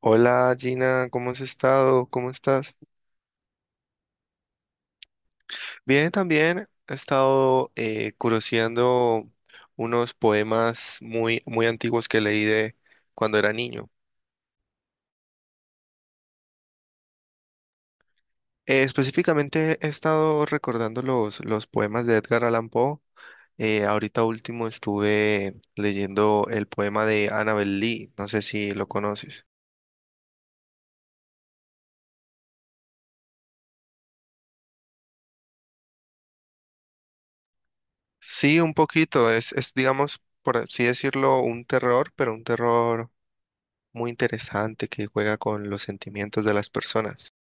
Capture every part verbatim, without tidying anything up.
Hola Gina, ¿cómo has estado? ¿Cómo estás? Bien, también he estado eh, curioseando unos poemas muy, muy antiguos que leí de cuando era niño. Eh, específicamente he estado recordando los, los poemas de Edgar Allan Poe. Eh, ahorita último estuve leyendo el poema de Annabel Lee, no sé si lo conoces. Sí, un poquito, es, es digamos, por así decirlo, un terror, pero un terror muy interesante que juega con los sentimientos de las personas.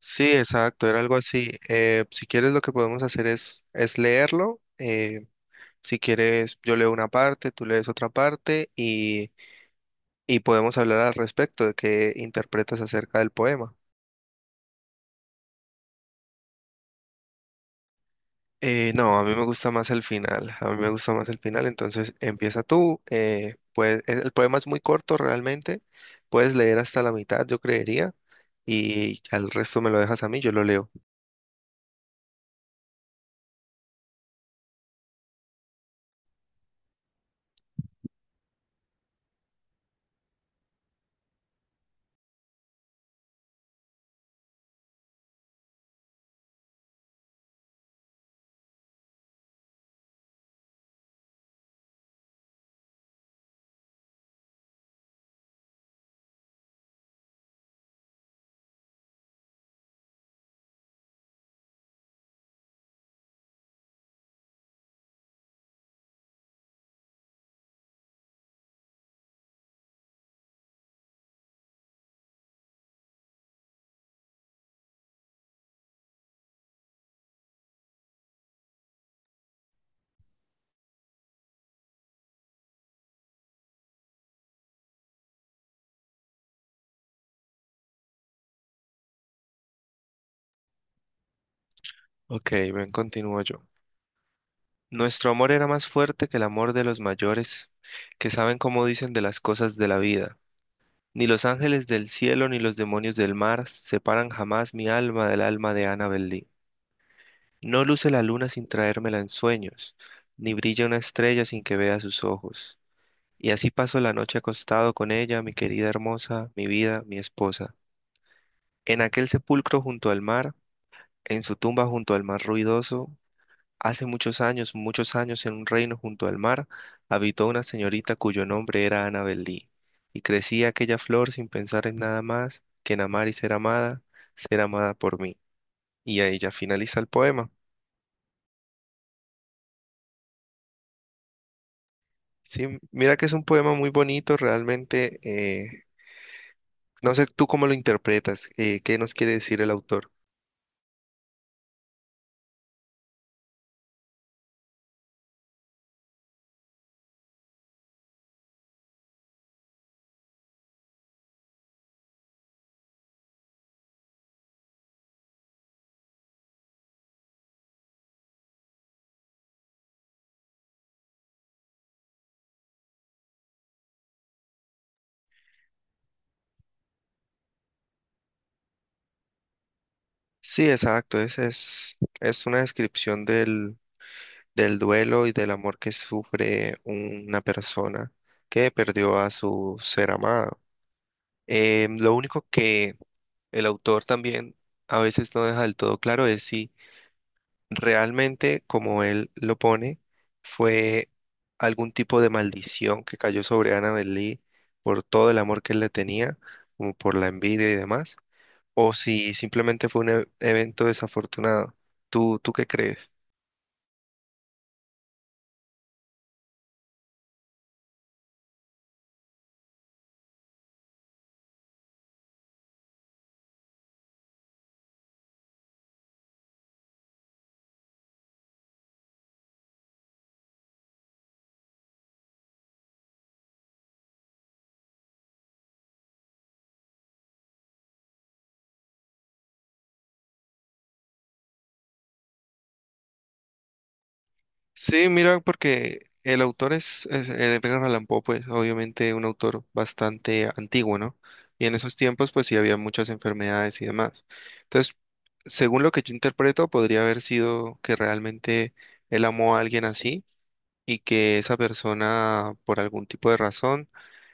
Sí, exacto, era algo así. Eh, si quieres, lo que podemos hacer es, es leerlo. Eh, si quieres, yo leo una parte, tú lees otra parte y, y podemos hablar al respecto de qué interpretas acerca del poema. Eh, no, a mí me gusta más el final, a mí me gusta más el final, entonces empieza tú. Eh, pues el el poema es muy corto realmente, puedes leer hasta la mitad, yo creería, y al resto me lo dejas a mí, yo lo leo. Ok, bien, continúo yo. Nuestro amor era más fuerte que el amor de los mayores, que saben cómo dicen de las cosas de la vida. Ni los ángeles del cielo ni los demonios del mar separan jamás mi alma del alma de Annabel Lee. No luce la luna sin traérmela en sueños, ni brilla una estrella sin que vea sus ojos. Y así paso la noche acostado con ella, mi querida hermosa, mi vida, mi esposa. En aquel sepulcro junto al mar, en su tumba junto al mar ruidoso, hace muchos años, muchos años, en un reino junto al mar, habitó una señorita cuyo nombre era Annabel Lee, y crecía aquella flor sin pensar en nada más que en amar y ser amada, ser amada por mí. Y ahí ya finaliza el poema. Sí, mira que es un poema muy bonito, realmente. Eh, no sé tú cómo lo interpretas, eh, qué nos quiere decir el autor. Sí, exacto, es, es, es una descripción del, del duelo y del amor que sufre una persona que perdió a su ser amado. Eh, lo único que el autor también a veces no deja del todo claro es si realmente, como él lo pone, fue algún tipo de maldición que cayó sobre Annabel Lee por todo el amor que él le tenía, como por la envidia y demás, o si simplemente fue un e- evento desafortunado. ¿Tú, tú qué crees? Sí, mira, porque el autor es, es eh, Edgar Allan Poe, pues obviamente un autor bastante antiguo, ¿no? Y en esos tiempos, pues sí había muchas enfermedades y demás. Entonces, según lo que yo interpreto, podría haber sido que realmente él amó a alguien así y que esa persona, por algún tipo de razón,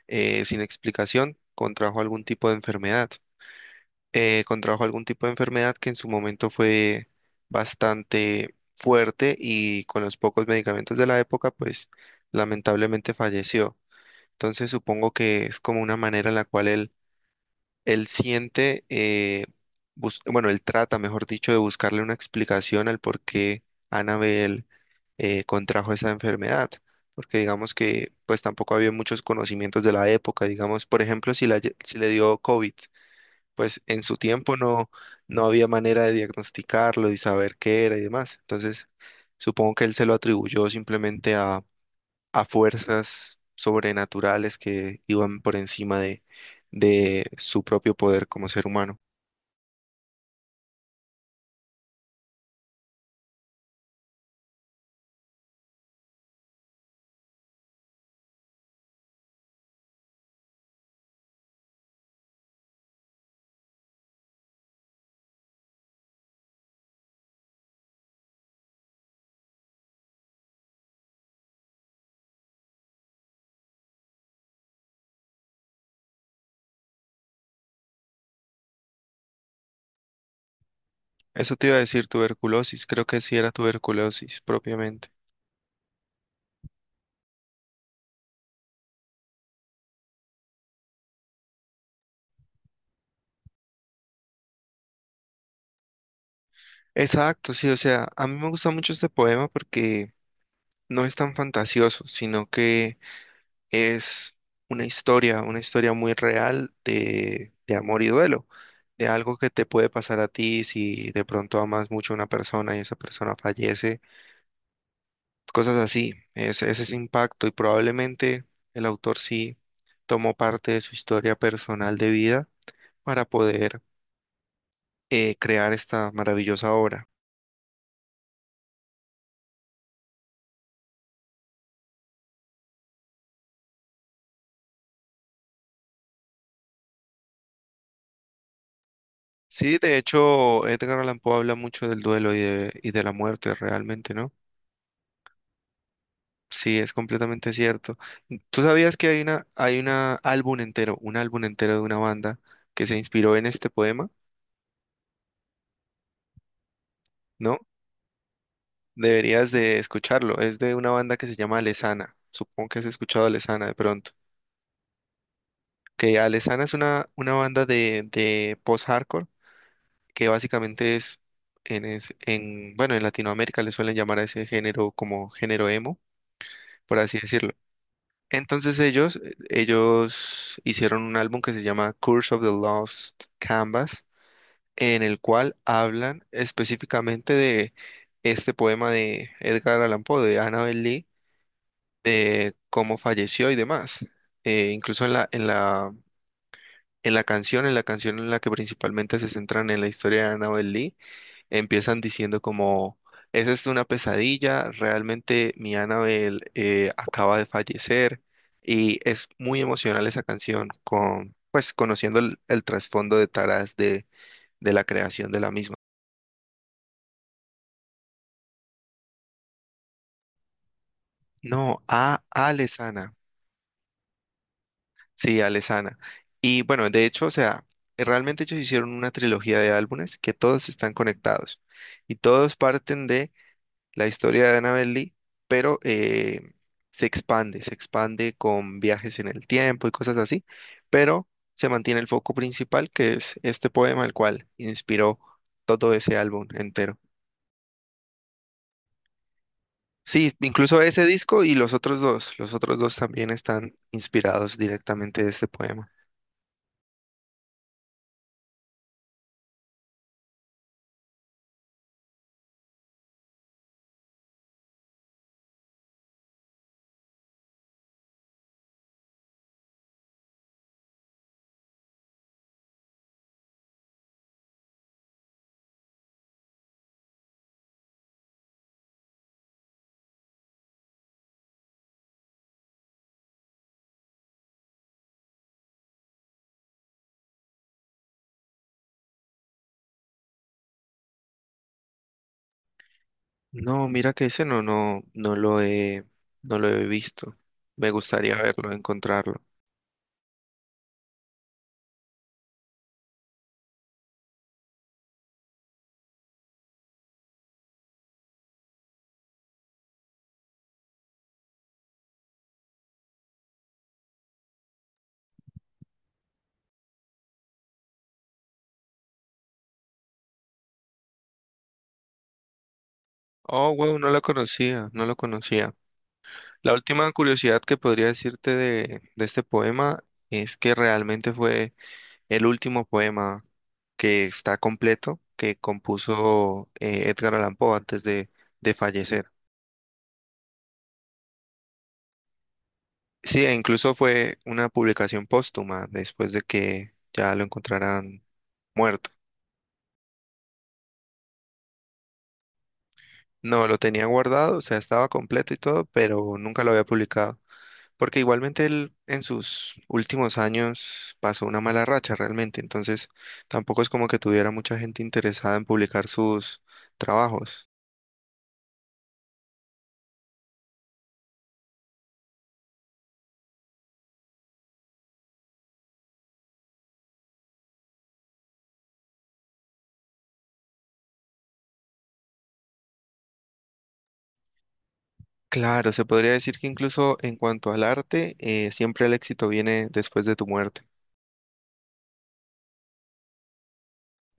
eh, sin explicación, contrajo algún tipo de enfermedad eh, contrajo algún tipo de enfermedad que en su momento fue bastante fuerte y con los pocos medicamentos de la época, pues lamentablemente falleció. Entonces supongo que es como una manera en la cual él, él siente, eh, bus- bueno, él trata, mejor dicho, de buscarle una explicación al por qué Annabel eh, contrajo esa enfermedad. Porque digamos que pues tampoco había muchos conocimientos de la época, digamos, por ejemplo, si, la, lle- si le dio COVID pues en su tiempo no, no había manera de diagnosticarlo y saber qué era y demás. Entonces, supongo que él se lo atribuyó simplemente a, a fuerzas sobrenaturales que iban por encima de, de su propio poder como ser humano. Eso te iba a decir tuberculosis, creo que sí era tuberculosis propiamente. Exacto, sí, o sea, a mí me gusta mucho este poema porque no es tan fantasioso, sino que es una historia, una historia muy real de, de amor y duelo, de algo que te puede pasar a ti si de pronto amas mucho a una persona y esa persona fallece, cosas así, es, es ese impacto y probablemente el autor sí tomó parte de su historia personal de vida para poder eh, crear esta maravillosa obra. Sí, de hecho, Edgar Allan Poe habla mucho del duelo y de, y de la muerte realmente, ¿no? Sí, es completamente cierto. ¿Tú sabías que hay una, hay una álbum entero, un álbum entero de una banda que se inspiró en este poema? ¿No? Deberías de escucharlo. Es de una banda que se llama Alesana. Supongo que has escuchado a Alesana de pronto. Que Alesana es una, una banda de, de post-hardcore que básicamente es en, es en, bueno, en Latinoamérica le suelen llamar a ese género como género emo, por así decirlo. Entonces ellos, eh, ellos hicieron un álbum que se llama Curse of the Lost Canvas, en el cual hablan específicamente de este poema de Edgar Allan Poe, de Annabel Lee, de cómo falleció y demás. Eh, incluso en la, en la, en la canción, en la canción en la que principalmente se centran en la historia de Annabel Lee, empiezan diciendo como, esa es una pesadilla, realmente mi Annabelle eh, acaba de fallecer y es muy emocional esa canción con, pues conociendo el, el trasfondo de Taras de, de la creación de la misma. No, a Alesana, sí, Alesana. Y bueno, de hecho, o sea, realmente ellos hicieron una trilogía de álbumes que todos están conectados y todos parten de la historia de Annabel Lee, pero eh, se expande, se expande con viajes en el tiempo y cosas así, pero se mantiene el foco principal, que es este poema, el cual inspiró todo ese álbum entero. Sí, incluso ese disco y los otros dos, los otros dos también están inspirados directamente de este poema. No, mira que ese no, no, no lo he, no lo he visto. Me gustaría verlo, encontrarlo. Oh, wow, no lo conocía, no lo conocía. La última curiosidad que podría decirte de, de este poema es que realmente fue el último poema que está completo que compuso eh, Edgar Allan Poe antes de, de fallecer. Sí, e incluso fue una publicación póstuma después de que ya lo encontraran muerto. No, lo tenía guardado, o sea, estaba completo y todo, pero nunca lo había publicado. Porque igualmente él en sus últimos años pasó una mala racha realmente, entonces tampoco es como que tuviera mucha gente interesada en publicar sus trabajos. Claro, se podría decir que incluso en cuanto al arte, eh, siempre el éxito viene después de tu muerte.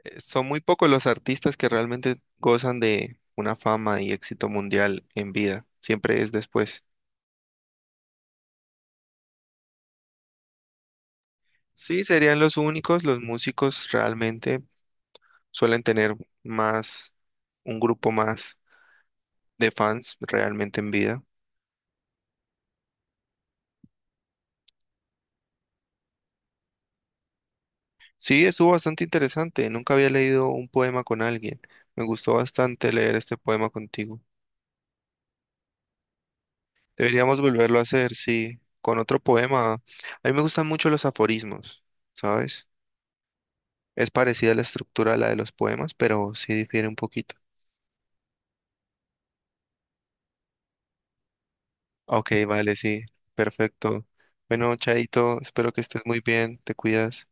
Eh, Son muy pocos los artistas que realmente gozan de una fama y éxito mundial en vida, siempre es después. Sí, serían los únicos, los músicos realmente suelen tener más, un grupo más de fans realmente en vida. Sí, estuvo bastante interesante. Nunca había leído un poema con alguien. Me gustó bastante leer este poema contigo. Deberíamos volverlo a hacer, sí, con otro poema. A mí me gustan mucho los aforismos, ¿sabes? Es parecida la estructura a la de los poemas, pero sí difiere un poquito. Ok, vale, sí, perfecto. Bueno, Chaito, espero que estés muy bien, te cuidas.